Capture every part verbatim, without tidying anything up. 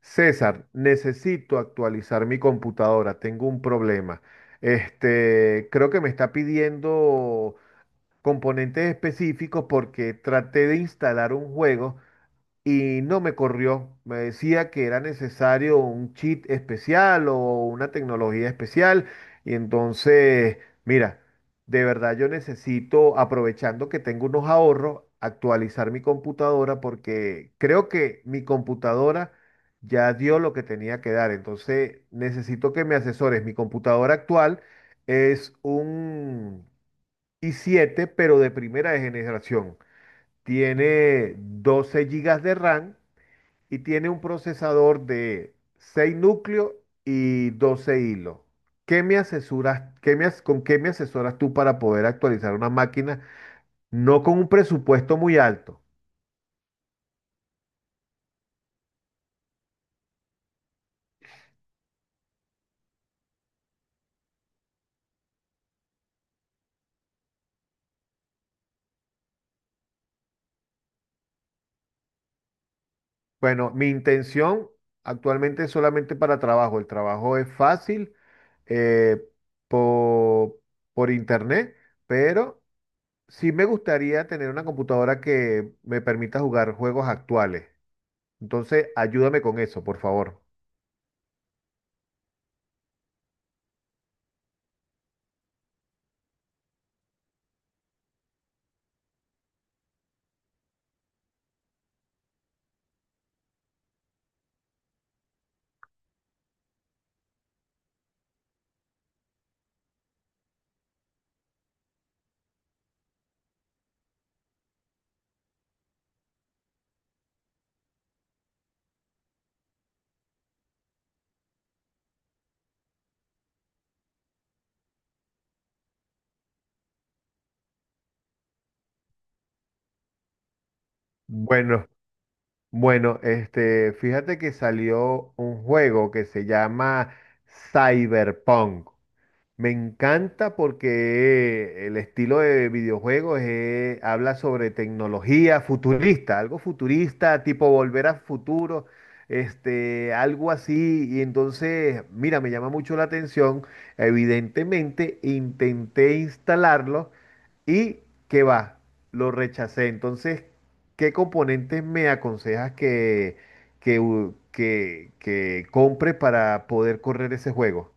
César, necesito actualizar mi computadora, tengo un problema. Este, creo que me está pidiendo componentes específicos porque traté de instalar un juego y no me corrió. Me decía que era necesario un cheat especial o una tecnología especial. Y entonces, mira, de verdad yo necesito, aprovechando que tengo unos ahorros, actualizar mi computadora porque creo que mi computadora ya dio lo que tenía que dar. Entonces necesito que me asesores. Mi computadora actual es un i siete pero de primera generación. Tiene doce gigas de RAM y tiene un procesador de seis núcleos y doce hilos. ¿Qué me asesoras, qué me as- con qué me asesoras tú para poder actualizar una máquina no con un presupuesto muy alto? Bueno, mi intención actualmente es solamente para trabajo. El trabajo es fácil eh, po- por, internet, pero sí me gustaría tener una computadora que me permita jugar juegos actuales. Entonces, ayúdame con eso, por favor. Bueno, bueno, este, fíjate que salió un juego que se llama Cyberpunk. Me encanta porque el estilo de videojuegos es- habla sobre tecnología futurista, algo futurista, tipo volver a futuro, este, algo así. Y entonces, mira, me llama mucho la atención. Evidentemente, intenté instalarlo y que va, lo rechacé. Entonces, ¿qué componentes me aconsejas que, que, u- que, que compre para poder correr ese juego?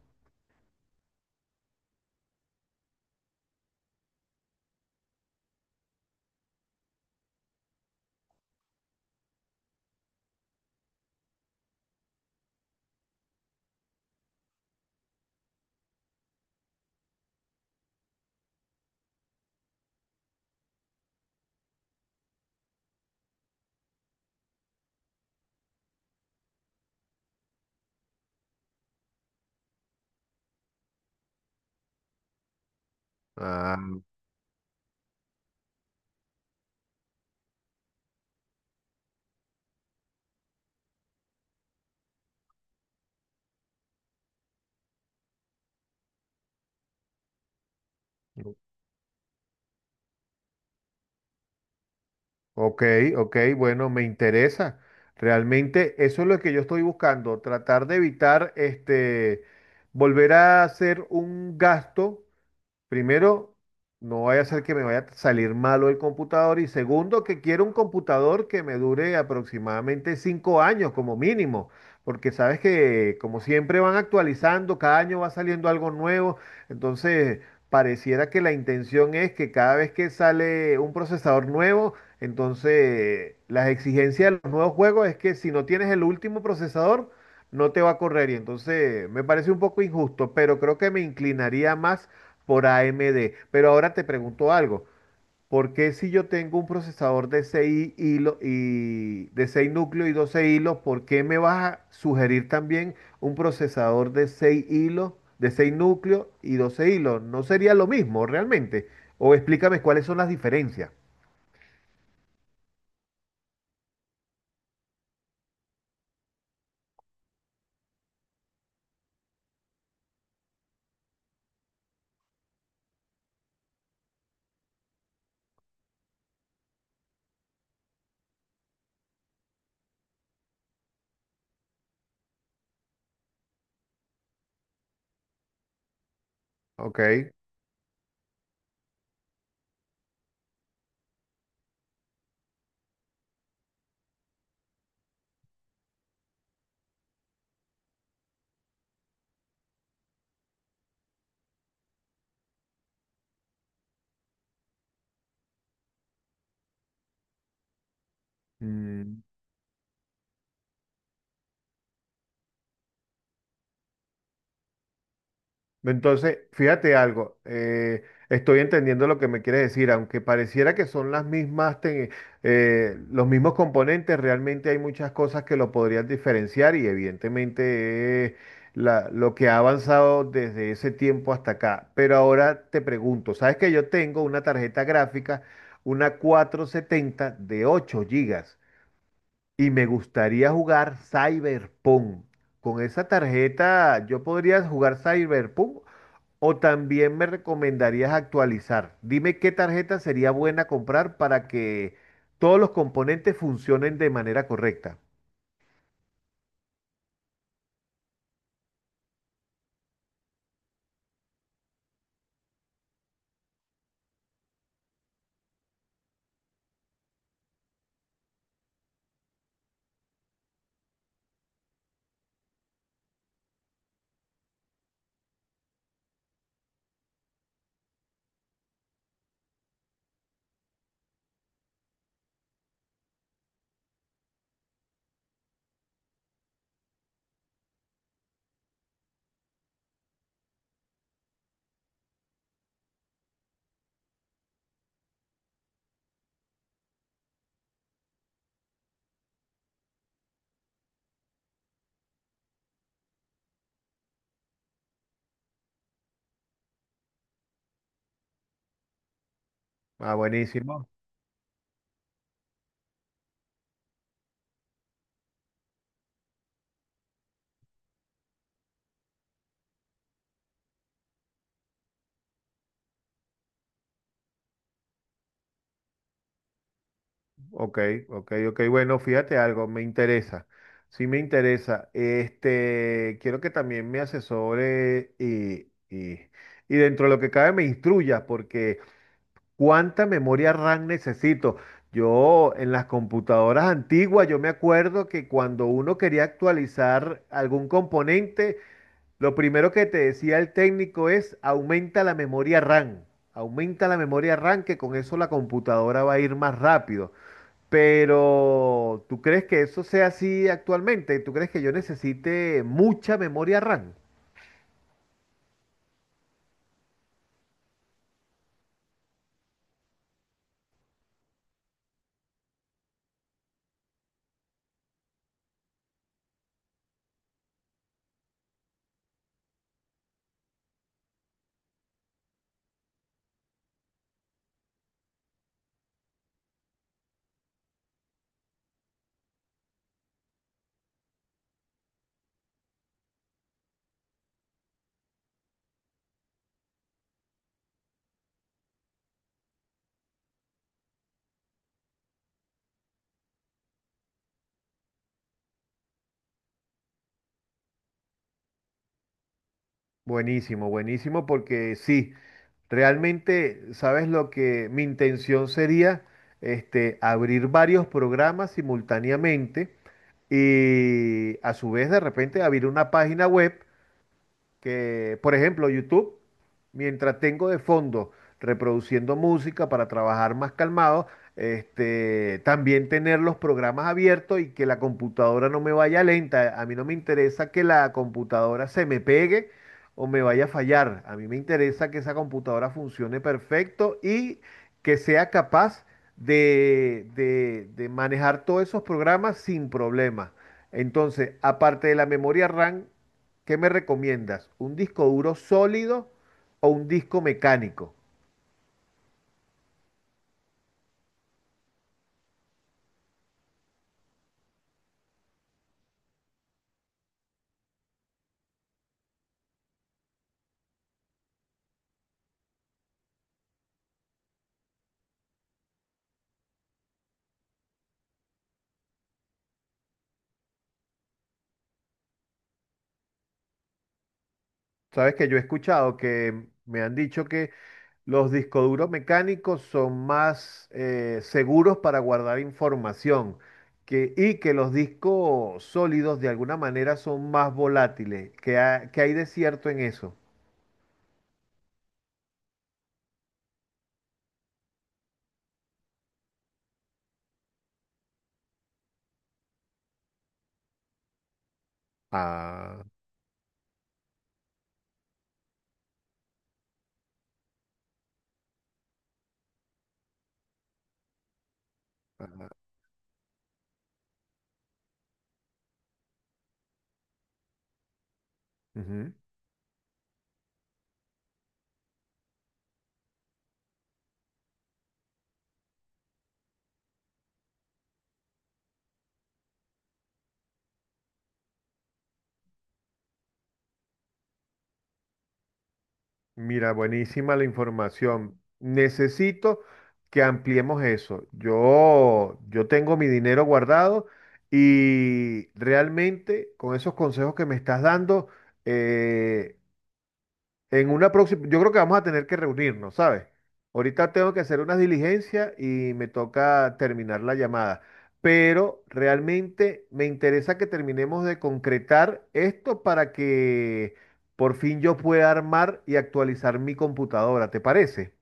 Ah, ok, ok, bueno, me interesa. Realmente eso es lo que yo estoy buscando, tratar de evitar este, volver a hacer un gasto. Primero, no vaya a ser que me vaya a salir malo el computador. Y segundo, que quiero un computador que me dure aproximadamente cinco años como mínimo. Porque sabes que como siempre van actualizando, cada año va saliendo algo nuevo. Entonces, pareciera que la intención es que cada vez que sale un procesador nuevo, entonces las exigencias de los nuevos juegos es que si no tienes el último procesador, no te va a correr. Y entonces me parece un poco injusto, pero creo que me inclinaría más por A M D. Pero ahora te pregunto algo. ¿Por qué si yo tengo un procesador de seis hilo- y de seis núcleos y doce hilos, ¿por qué me vas a sugerir también un procesador de seis hilos, de seis núcleos y doce hilos? ¿No sería lo mismo realmente? O explícame cuáles son las diferencias. Ok. Mm. Entonces, fíjate algo, eh, estoy entendiendo lo que me quieres decir, aunque pareciera que son las mismas, te- eh, los mismos componentes, realmente hay muchas cosas que lo podrían diferenciar y evidentemente es la- lo que ha avanzado desde ese tiempo hasta acá. Pero ahora te pregunto, ¿sabes que yo tengo una tarjeta gráfica, una cuatro setenta de ocho gigas y me gustaría jugar Cyberpunk? Con esa tarjeta yo podría jugar Cyberpunk o también me recomendarías actualizar. Dime qué tarjeta sería buena comprar para que todos los componentes funcionen de manera correcta. Ah, buenísimo. Ok, ok, ok. Bueno, fíjate algo, me interesa. Sí me interesa. Este, quiero que también me asesore y, y, y dentro de lo que cabe me instruya, porque ¿cuánta memoria RAM necesito? Yo en las computadoras antiguas, yo me acuerdo que cuando uno quería actualizar algún componente, lo primero que te decía el técnico es aumenta la memoria RAM, aumenta la memoria RAM que con eso la computadora va a ir más rápido. Pero ¿tú crees que eso sea así actualmente? ¿Tú crees que yo necesite mucha memoria RAM? Buenísimo, buenísimo, porque sí, realmente, ¿sabes lo que mi intención sería? Este, abrir varios programas simultáneamente y a su vez de repente abrir una página web que, por ejemplo, YouTube, mientras tengo de fondo reproduciendo música para trabajar más calmado, este, también tener los programas abiertos y que la computadora no me vaya lenta. A mí no me interesa que la computadora se me pegue o me vaya a fallar. A mí me interesa que esa computadora funcione perfecto y que sea capaz de, de de manejar todos esos programas sin problemas. Entonces, aparte de la memoria RAM, ¿qué me recomiendas? ¿Un disco duro sólido o un disco mecánico? Sabes que yo he escuchado que me han dicho que los discos duros mecánicos son más eh, seguros para guardar información que, y que los discos sólidos de alguna manera son más volátiles. ¿Qué, ha- qué hay de cierto en eso? Ah, ah, ujú. Mira, buenísima la información. Necesito que ampliemos eso. Yo, yo tengo mi dinero guardado y realmente con esos consejos que me estás dando, eh, en una próxima, yo creo que vamos a tener que reunirnos, ¿sabes? Ahorita tengo que hacer unas diligencias y me toca terminar la llamada. Pero realmente me interesa que terminemos de concretar esto para que por fin yo pueda armar y actualizar mi computadora, ¿te parece?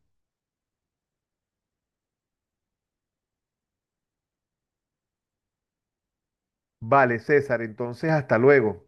Vale, César, entonces hasta luego.